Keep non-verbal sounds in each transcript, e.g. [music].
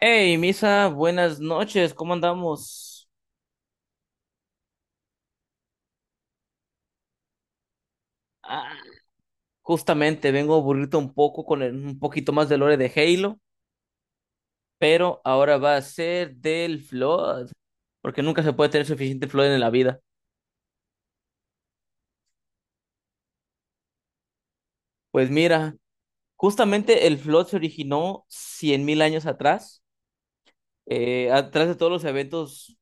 Hey, Misa, buenas noches, ¿cómo andamos? Ah, justamente vengo a un poco un poquito más de lore de Halo, pero ahora va a ser del Flood, porque nunca se puede tener suficiente Flood en la vida. Pues mira, justamente el Flood se originó 100.000 años atrás, atrás de todos los eventos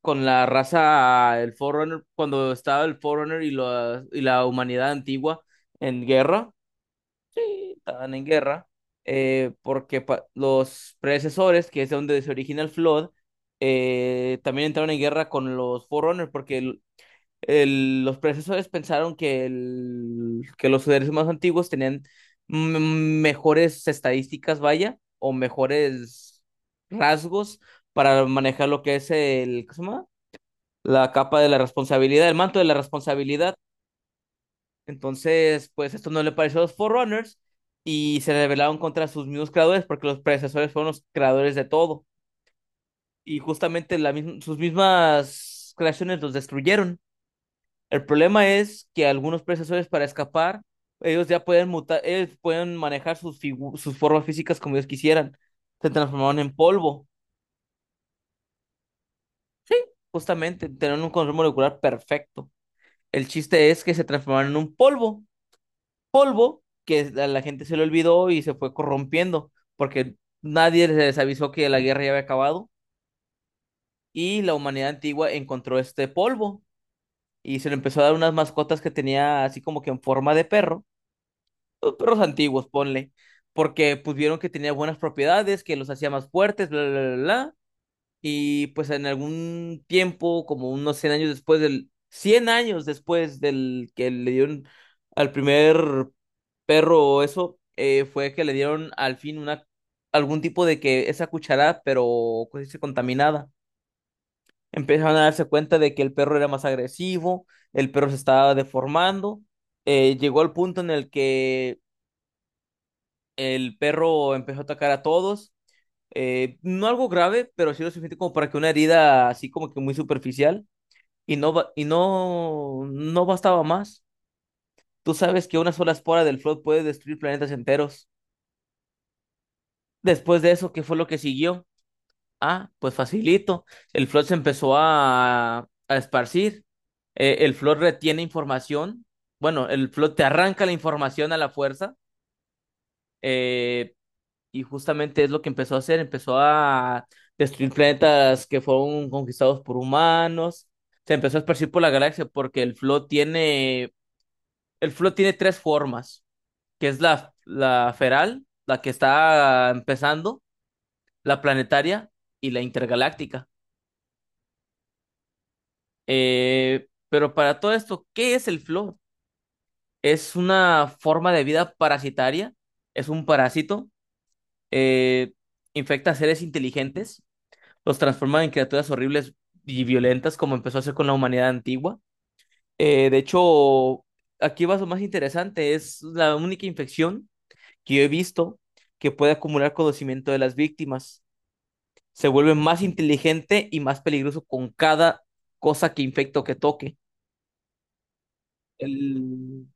con la raza, el Forerunner, cuando estaba el Forerunner y la humanidad antigua en guerra. Estaban en guerra, porque los predecesores, que es de donde se origina el Flood, también entraron en guerra con los Forerunners, porque los predecesores pensaron que los seres más antiguos tenían mejores estadísticas, vaya, o mejores rasgos para manejar lo que es el, ¿cómo se llama? La capa de la responsabilidad, el manto de la responsabilidad. Entonces, pues esto no le pareció a los Forerunners y se rebelaron contra sus mismos creadores porque los predecesores fueron los creadores de todo. Y justamente la misma- sus mismas creaciones los destruyeron. El problema es que algunos predecesores, para escapar, ellos ya pueden mutar, ellos pueden manejar sus, sus formas físicas como ellos quisieran. Se transformaron en polvo, justamente, tenían un control molecular perfecto. El chiste es que se transformaron en un polvo, que a la gente se le olvidó y se fue corrompiendo, porque nadie les avisó que la guerra ya había acabado, y la humanidad antigua encontró este polvo y se le empezó a dar unas mascotas que tenía, así como que en forma de perro, los perros antiguos, ponle, porque pues vieron que tenía buenas propiedades, que los hacía más fuertes, bla, bla, bla, bla. Y pues en algún tiempo, como unos 100 años después del, 100 años después del que le dieron al primer perro eso, fue que le dieron al fin una, algún tipo de que esa cucharada, pero ¿cómo se dice?, contaminada. Empezaron a darse cuenta de que el perro era más agresivo, el perro se estaba deformando, llegó al punto en el que el perro empezó a atacar a todos, no algo grave, pero sí lo suficiente como para que una herida así como que muy superficial. Y no, no, no bastaba más. Tú sabes que una sola espora del Flood puede destruir planetas enteros. Después de eso, ¿qué fue lo que siguió? Ah, pues facilito. El Flood se empezó a esparcir. El Flood retiene información. Bueno, el Flood te arranca la información a la fuerza. eh, y justamente es lo que empezó a hacer. Empezó a destruir planetas que fueron conquistados por humanos. Se empezó a esparcir por la galaxia porque el Flood tiene. El flow tiene tres formas, que es la, la feral, la que está empezando, la planetaria y la intergaláctica. Pero para todo esto, ¿qué es el flow? Es una forma de vida parasitaria, es un parásito, eh, infecta a seres inteligentes, los transforma en criaturas horribles y violentas como empezó a hacer con la humanidad antigua. De hecho, aquí va lo más interesante, es la única infección que yo he visto que puede acumular conocimiento de las víctimas. Se vuelve más inteligente y más peligroso con cada cosa que infecta o que toque. El,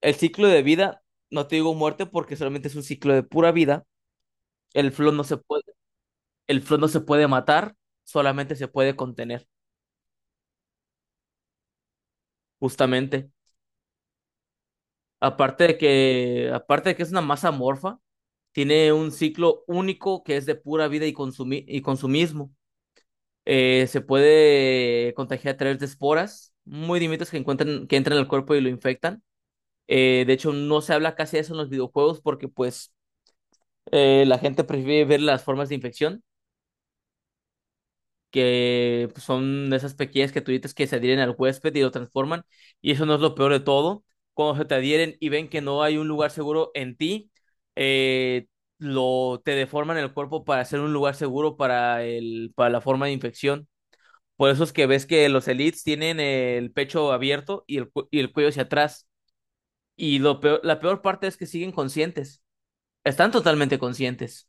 el ciclo de vida, no te digo muerte porque solamente es un ciclo de pura vida. El flow no se puede, el flow no se puede matar, solamente se puede contener, justamente. Aparte de que es una masa amorfa, tiene un ciclo único que es de pura vida y, consumismo. Se puede contagiar a través de esporas muy diminutas que encuentran, que entran al cuerpo y lo infectan. De hecho, no se habla casi de eso en los videojuegos porque pues la gente prefiere ver las formas de infección, que pues son esas pequeñas criaturitas que se adhieren al huésped y lo transforman. Y eso no es lo peor de todo. Cuando se te adhieren y ven que no hay un lugar seguro en ti, eh, te deforman el cuerpo para hacer un lugar seguro para, el, para la forma de infección. Por eso es que ves que los elites tienen el pecho abierto y el, y el cuello hacia atrás. Y lo peor, la peor parte es que siguen conscientes. Están totalmente conscientes.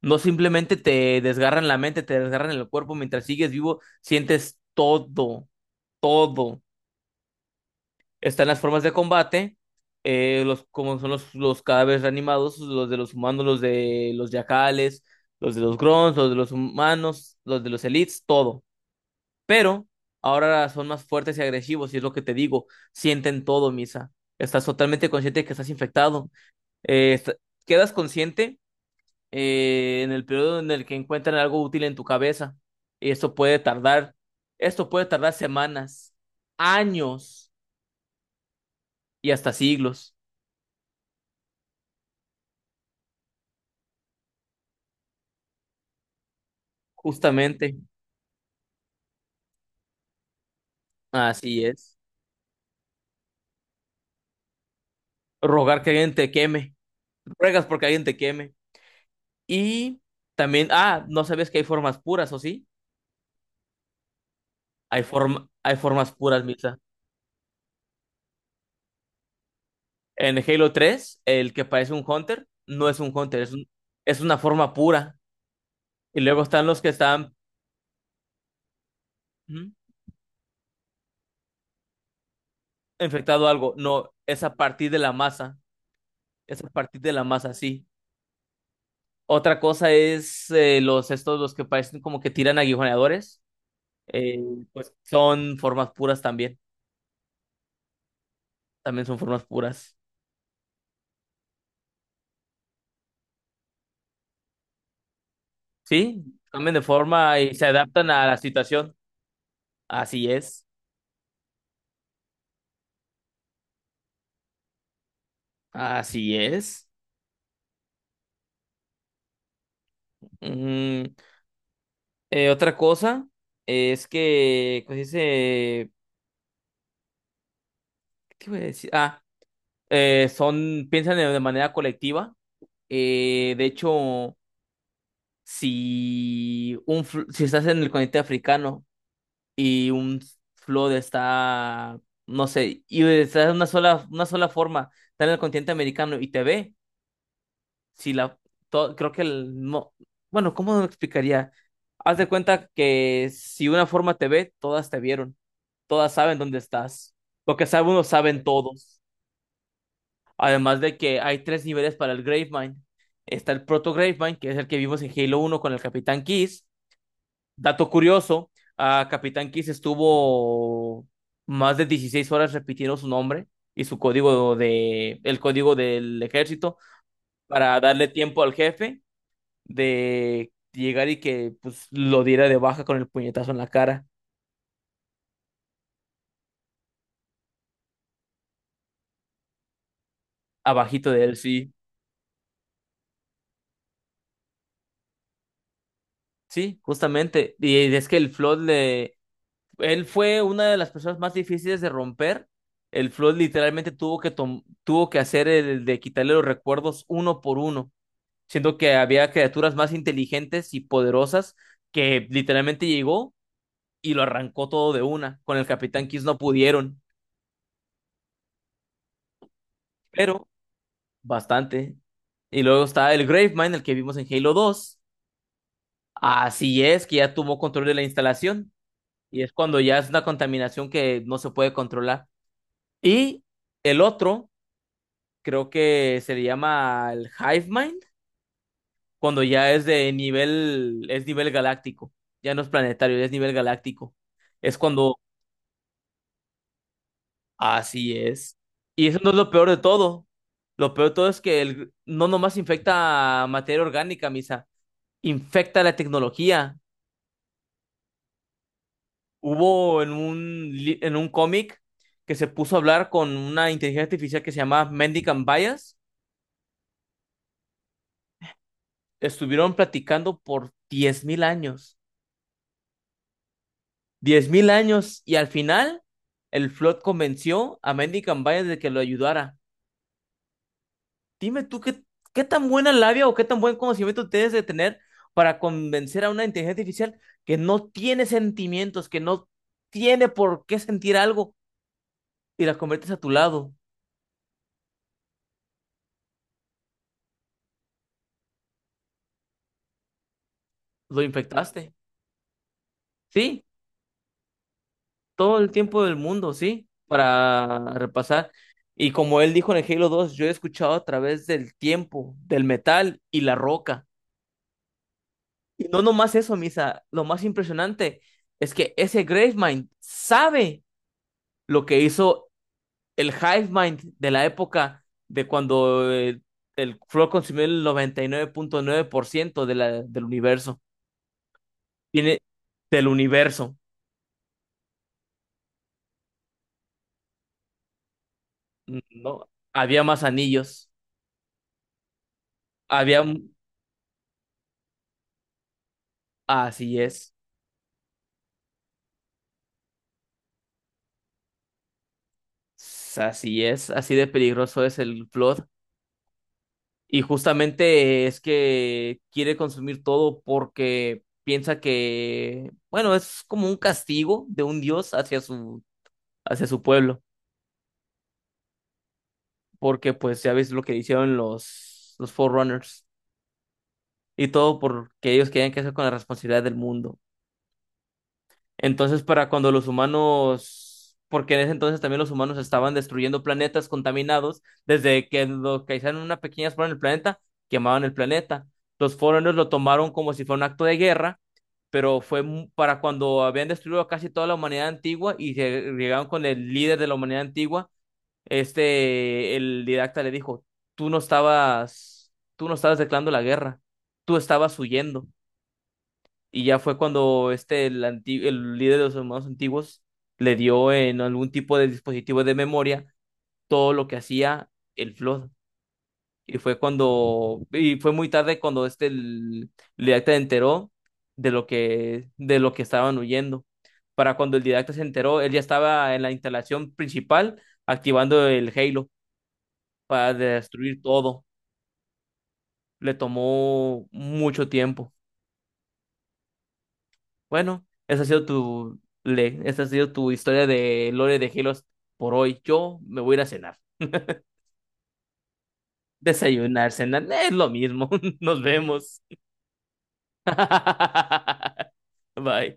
No simplemente te desgarran la mente, te desgarran el cuerpo. Mientras sigues vivo, sientes todo, todo. Están las formas de combate, los, como son los cadáveres reanimados, los de los humanos, los de los yacales, los de los grons, los de los humanos, los de los elites, todo. Pero ahora son más fuertes y agresivos, y es lo que te digo, sienten todo, Misa. Estás totalmente consciente de que estás infectado. Eh, est- quedas consciente en el periodo en el que encuentran algo útil en tu cabeza. Y esto puede tardar semanas, años y hasta siglos. Justamente, así es. Rogar que alguien te queme. Ruegas porque alguien te queme. Y también, ah, no sabes que hay formas puras, ¿o sí? Hay forma, hay formas puras, Misa. En Halo tres el que parece un Hunter no es un Hunter, es una forma pura. Y luego están los que están, ujú, infectado algo. No, es a partir de la masa. Es a partir de la masa, sí. Otra cosa es, los estos, los que parecen como que tiran aguijoneadores. eh, pues son formas puras también. También son formas puras. Sí, cambian de forma y se adaptan a la situación. Así es. Así es. Mm, otra cosa es que, ¿cómo se dice? ¿Qué voy a decir? Ah, son, piensan de manera colectiva. De hecho, si, si estás en el continente africano y un flood está, no sé, y estás en una sola forma, está en el continente americano y te ve. Si la, to- creo que el, no, bueno, ¿cómo lo explicaría? Haz de cuenta que si una forma te ve, todas te vieron, todas saben dónde estás. Lo que sabe uno, saben todos. Además de que hay tres niveles para el Gravemind. Está el Proto Gravemind, que es el que vimos en Halo uno con el Capitán Kiss. Dato curioso, a Capitán Kiss estuvo más de 16 horas repitiendo su nombre y su código de, el código del ejército para darle tiempo al jefe de llegar y que pues lo diera de baja con el puñetazo en la cara, abajito de él, sí. Sí, justamente. Y es que el Flood le... Él fue una de las personas más difíciles de romper. El Flood literalmente tuvo que, tuvo que hacer el de quitarle los recuerdos uno por uno, siendo que había criaturas más inteligentes y poderosas que literalmente llegó y lo arrancó todo de una. Con el Capitán Kiss no pudieron. Pero bastante. Y luego está el Gravemind, el que vimos en Halo dos. Así es, que ya tomó control de la instalación. Y es cuando ya es una contaminación que no se puede controlar. Y el otro, creo que se le llama el Hivemind, cuando ya es de nivel, es nivel galáctico. Ya no es planetario, ya es nivel galáctico. Es cuando, así es. Y eso no es lo peor de todo. Lo peor de todo es que el, no nomás infecta materia orgánica, Misa, infecta la tecnología. Hubo en un, en un cómic que se puso a hablar con una inteligencia artificial que se llamaba Mendicant Bias. Estuvieron platicando por 10.000 años. 10.000 años. Y al final, el Flood convenció a Mendicant Bias de que lo ayudara. Dime tú qué, qué tan buena labia o qué tan buen conocimiento tienes de tener para convencer a una inteligencia artificial que no tiene sentimientos, que no tiene por qué sentir algo y la conviertes a tu lado. Lo infectaste. Sí, todo el tiempo del mundo, ¿sí? Para repasar. Y como él dijo en el Halo dos, yo he escuchado a través del tiempo, del metal y la roca. Y no nomás eso, Misa, lo más impresionante es que ese Gravemind sabe lo que hizo el Hivemind de la época de cuando el Flow consumió el noventa y nueve punto nueve por ciento de la, del universo. Tiene del universo, ¿no? Había más anillos, había... Así es. S- Así es, así de peligroso es el Flood. Y justamente es que quiere consumir todo porque piensa que, bueno, es como un castigo de un dios hacia su pueblo. Porque pues ya ves lo que hicieron los Forerunners. Y todo porque ellos querían que hacer con la responsabilidad del mundo. Entonces, para cuando los humanos, porque en ese entonces también los humanos estaban destruyendo planetas contaminados, desde que localizaron una pequeña explosión en el planeta, quemaban el planeta. Los foreigners lo tomaron como si fuera un acto de guerra, pero fue mu- para cuando habían destruido casi toda la humanidad antigua y se llegaron con el líder de la humanidad antigua, este, el didacta le dijo, tú no estabas declarando la guerra, tú estabas huyendo. Y ya fue cuando este, el, el líder de los hermanos antiguos le dio en algún tipo de dispositivo de memoria todo lo que hacía el Flood. Y fue cuando, y fue muy tarde cuando este el didacta enteró de lo que estaban huyendo. Para cuando el didacta se enteró, él ya estaba en la instalación principal activando el Halo para destruir todo. Le tomó mucho tiempo. Bueno, esa ha sido tu historia de Lore de Helos por hoy. Yo me voy a ir a cenar. Desayunar, cenar, es lo mismo. [laughs] Nos vemos. [laughs] Bye.